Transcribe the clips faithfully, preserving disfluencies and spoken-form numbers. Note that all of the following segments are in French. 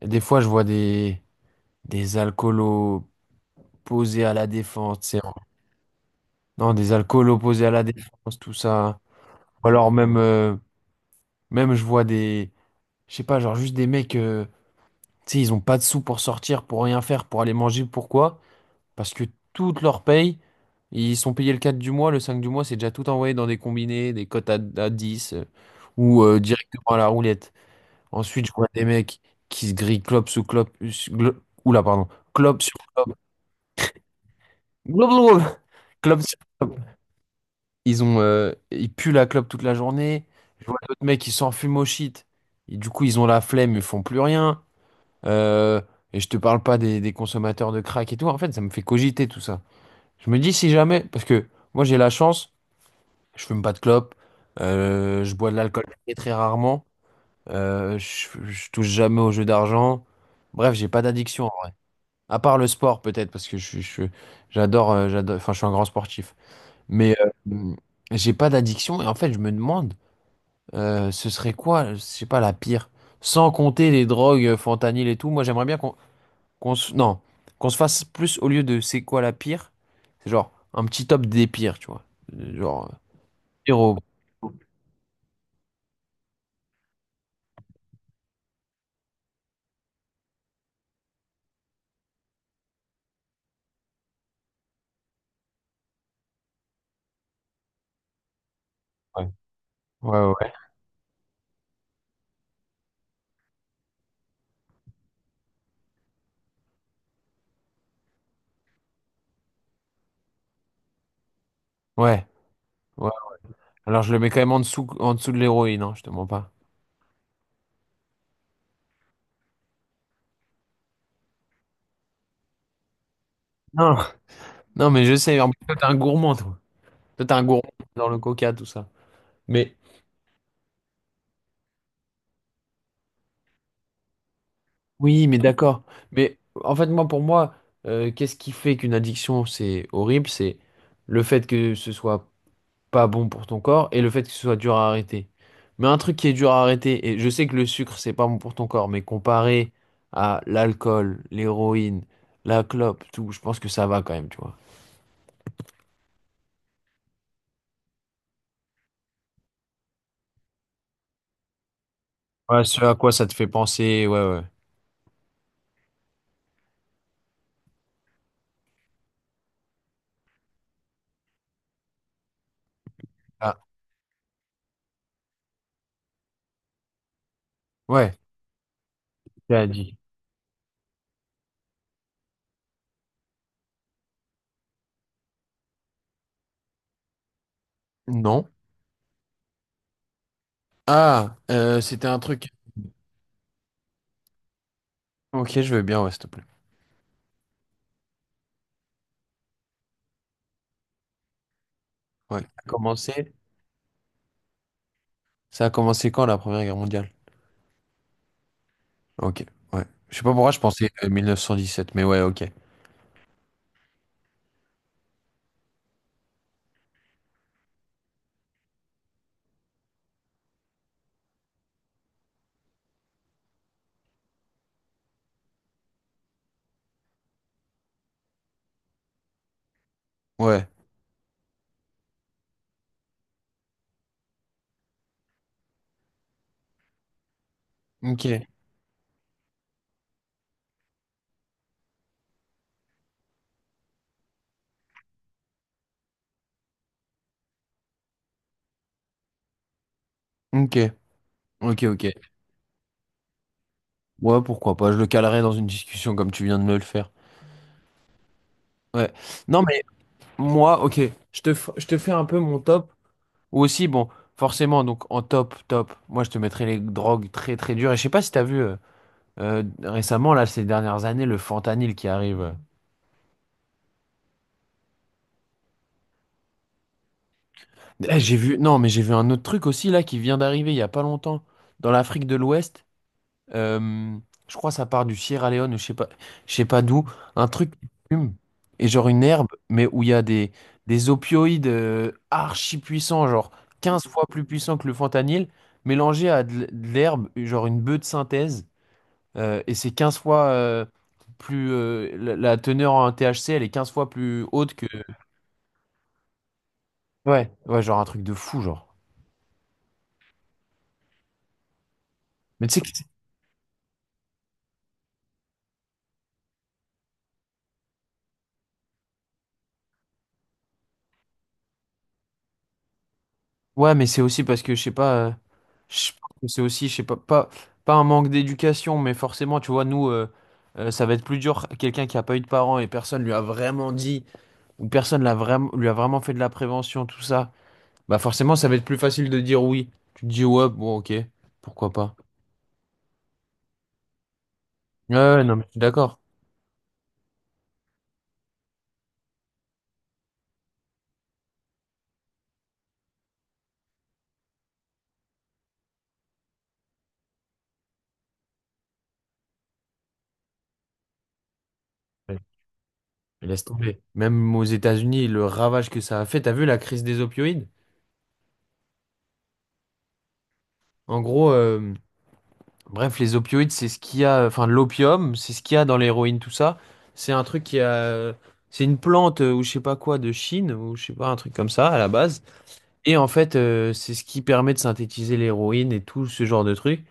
Et des fois, je vois des, des alcoolos posés à la défense, tu sais, en- non, des alcoolos posés à la défense, tout ça. Ou alors même, euh, même je vois des, je sais pas, genre juste des mecs, euh, tu sais, ils ont pas de sous pour sortir, pour rien faire, pour aller manger. Pourquoi? Parce que toute leur paye, ils sont payés le quatre du mois, le cinq du mois, c'est déjà tout envoyé dans des combinés, des cotes à, à dix, euh, ou euh, directement à la roulette. Ensuite, je vois des mecs qui se grillent clope sous clope, euh, su- glo- oula, pardon. Clope sur clope. Club sur club. Ils ont, euh, ils puent la clope toute la journée. Je vois d'autres mecs qui s'en fument au shit. Et du coup, ils ont la flemme, ils font plus rien. Euh, et je te parle pas des, des consommateurs de crack et tout. En fait, ça me fait cogiter tout ça. Je me dis si jamais, parce que moi j'ai la chance, je fume pas de clope, euh, je bois de l'alcool très, très rarement, euh, je, je touche jamais aux jeux d'argent. Bref, j'ai pas d'addiction, en vrai. À part le sport peut-être, parce que je, suis- je, suis- j'adore, euh, j'adore, enfin, je suis un grand sportif. Mais euh, j'ai pas d'addiction et en fait, je me demande, euh, ce serait quoi, je sais pas, la pire. Sans compter les drogues, euh, fentanyl et tout, moi j'aimerais bien qu'on qu'on se, non, qu'on se fasse plus au lieu de c'est quoi la pire, c'est genre un petit top des pires, tu vois. Euh, Genre, euh, héros. Ouais, ouais, ouais. Ouais, ouais. Alors je le mets quand même en dessous, en dessous de l'héroïne, hein, je te mens pas. Non, non, mais je sais, en plus, toi t'es un gourmand, toi. Toi t'es un gourmand dans le coca, tout ça. Mais. Oui, mais d'accord. Mais en fait, moi, pour moi, euh, qu'est-ce qui fait qu'une addiction, c'est horrible? C'est le fait que ce soit pas bon pour ton corps et le fait que ce soit dur à arrêter. Mais un truc qui est dur à arrêter, et je sais que le sucre, c'est pas bon pour ton corps, mais comparé à l'alcool, l'héroïne, la clope, tout, je pense que ça va quand même, tu vois. Ouais, ce à quoi ça te fait penser, ouais, ouais. Ah, ouais, t'as dit. Non. Ah, euh, c'était un truc. Ok, je veux bien, ouais, s'il te plaît. Ouais. Commencer. Ça a commencé quand la Première Guerre mondiale? Ok, ouais. Je sais pas pourquoi je pensais euh, mille neuf cent dix-sept, mais ouais, ok. Ouais, ok, ok, ok, ok. Ouais, pourquoi pas, je le calerai dans une discussion comme tu viens de me le faire. Ouais. Non, mais moi, ok, je te, f- je te fais un peu mon top. Ou aussi, bon, forcément, donc en top, top, moi je te mettrai les drogues très très dures. Et je sais pas si t'as vu euh, euh, récemment, là, ces dernières années, le fentanyl qui arrive. euh. Eh, j'ai vu, non, mais j'ai vu un autre truc aussi, là, qui vient d'arriver il y a pas longtemps, dans l'Afrique de l'Ouest. Euh, je crois que ça part du Sierra Leone, je sais pas, je sais pas d'où, un truc qui fume et genre une herbe, mais où il y a des, des opioïdes euh, archi puissants, genre quinze fois plus puissants que le fentanyl, mélangés à de, l- de l'herbe, genre une bœuf de synthèse, euh, et c'est quinze fois euh, plus euh, la, la teneur en T H C, elle est quinze fois plus haute que ouais, ouais, genre un truc de fou, genre. Mais tu sais que, ouais, mais c'est aussi parce que, je sais pas, euh, je pense que c'est aussi, je sais pas, pas, pas, un manque d'éducation, mais forcément, tu vois, nous, euh, euh, ça va être plus dur. Quelqu'un qui a pas eu de parents et personne lui a vraiment dit, ou personne l'a vraiment, lui a vraiment fait de la prévention, tout ça, bah forcément, ça va être plus facile de dire oui. Tu te dis, ouais, bon, ok, pourquoi pas. Ouais, ouais, non, mais je suis d'accord. Ouais. Mais laisse tomber. Même aux États-Unis, le ravage que ça a fait, t'as vu la crise des opioïdes? En gros, euh, bref, les opioïdes, c'est ce qu'il y a, enfin l'opium, c'est ce qu'il y a dans l'héroïne, tout ça. C'est un truc qui a, C'est une plante euh, ou je sais pas quoi de Chine ou je sais pas un truc comme ça à la base. Et en fait, euh, c'est ce qui permet de synthétiser l'héroïne et tout ce genre de trucs.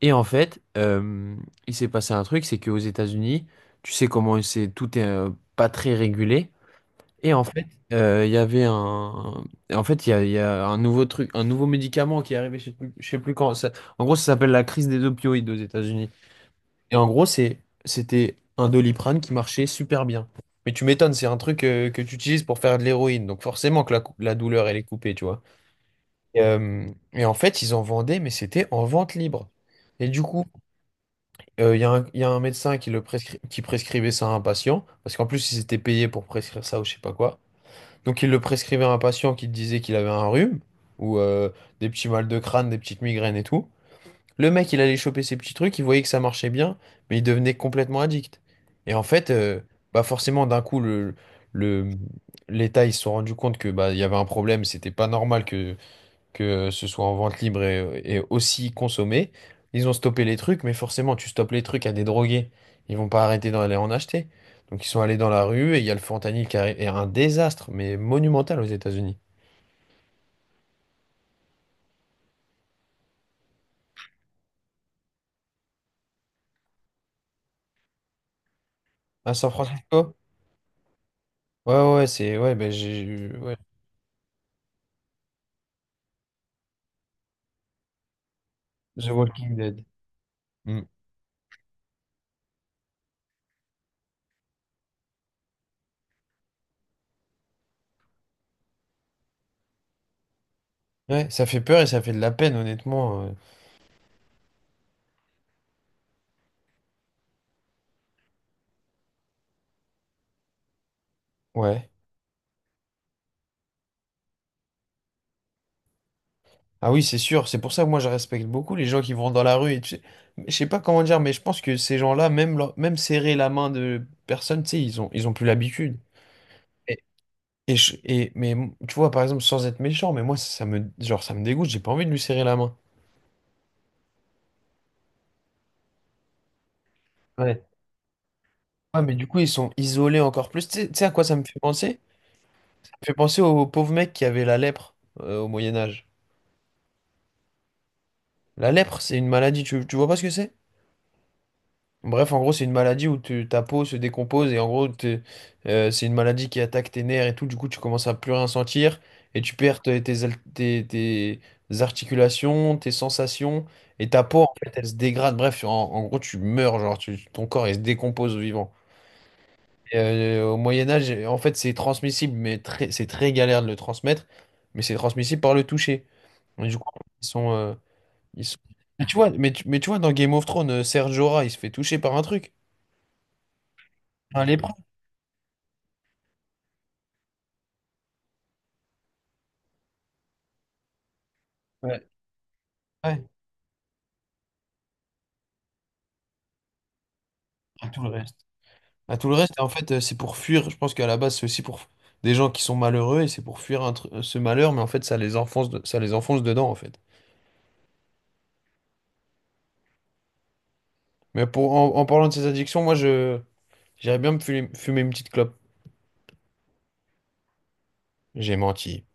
Et en fait, euh, il s'est passé un truc, c'est qu'aux États-Unis, tu sais comment c'est, tout est euh, pas très régulé. Et en fait, euh, il y avait un, en fait, il y a, il y a un nouveau truc, un nouveau médicament qui est arrivé, je sais plus, je sais plus quand. ça- En gros, ça s'appelle la crise des opioïdes aux États-Unis. Et en gros, c'est, c'était un Doliprane qui marchait super bien. Mais tu m'étonnes, c'est un truc euh, que tu utilises pour faire de l'héroïne, donc forcément que la, cou- la douleur elle est coupée, tu vois. Et, euh, et en fait, ils en vendaient, mais c'était en vente libre. Et du coup, euh, il y a un, il y a un médecin qui le prescri- qui prescrivait ça à un patient, parce qu'en plus, ils étaient payés pour prescrire ça ou je sais pas quoi. Donc, il le prescrivait à un patient qui te disait qu'il avait un rhume, ou euh, des petits mal de crâne, des petites migraines et tout. Le mec, il allait choper ses petits trucs, il voyait que ça marchait bien, mais il devenait complètement addict. Et en fait, euh, bah forcément, d'un coup, le, le, l'État, ils se sont rendus compte que bah, il y avait un problème, c'était pas normal que que euh, ce soit en vente libre et, et aussi consommé. Ils ont stoppé les trucs, mais forcément, tu stoppes les trucs à des drogués. Ils vont pas arrêter d'aller en acheter. Donc ils sont allés dans la rue et il y a le fentanyl qui arri- est un désastre, mais monumental aux États-Unis. À San Francisco? Ouais, ouais, ouais, c'est, ouais, ben j'ai, ouais, The Walking Dead. Mm. Ouais, ça fait peur et ça fait de la peine, honnêtement. euh. Ouais. Ah oui, c'est sûr, c'est pour ça que moi je respecte beaucoup les gens qui vont dans la rue et tu sais, je sais pas comment dire, mais je pense que ces gens-là, même, leur- même serrer la main de personne, tu sais, ils ont, ils ont plus l'habitude. Et, et, je- et- mais m- Tu vois, par exemple, sans être méchant, mais moi ça, ça me, genre, ça me dégoûte, j'ai pas envie de lui serrer la main. Ouais. Ouais, mais du coup, ils sont isolés encore plus. Tu sais, tu sais à quoi ça me fait penser? Ça me fait penser aux pauvres mecs qui avaient la lèpre euh, au Moyen Âge. La lèpre, c'est une maladie, tu, tu vois pas ce que c'est? Bref, en gros, c'est une maladie où tu- ta peau se décompose et en gros, t'es- euh, c'est une maladie qui attaque tes nerfs et tout. Du coup, tu commences à plus rien sentir et tu perds tes, tes al- tes- tes articulations, tes sensations et ta peau, en fait, elle se dégrade. Bref, en, en gros, tu meurs, genre, tu- ton corps, il se décompose au vivant. Et, euh, au Moyen-Âge, en fait, c'est transmissible, mais très- c'est très galère de le transmettre, mais c'est transmissible par le toucher. Et du coup, ils sont, euh, ils sont- mais tu vois, mais, tu mais tu vois, dans Game of Thrones, euh, Ser Jorah, il se fait toucher par un truc. Un lépreux. Ouais. Ouais, à tout le reste. À tout le reste, et en fait, euh, c'est pour fuir. Je pense qu'à la base, c'est aussi pour des gens qui sont malheureux et c'est pour fuir un tru- ce malheur, mais en fait, ça les enfonce, de- ça les enfonce dedans, en fait. Mais pour, en, en parlant de ces addictions, moi, je, j'irais bien me fumer, fumer une petite clope. J'ai menti.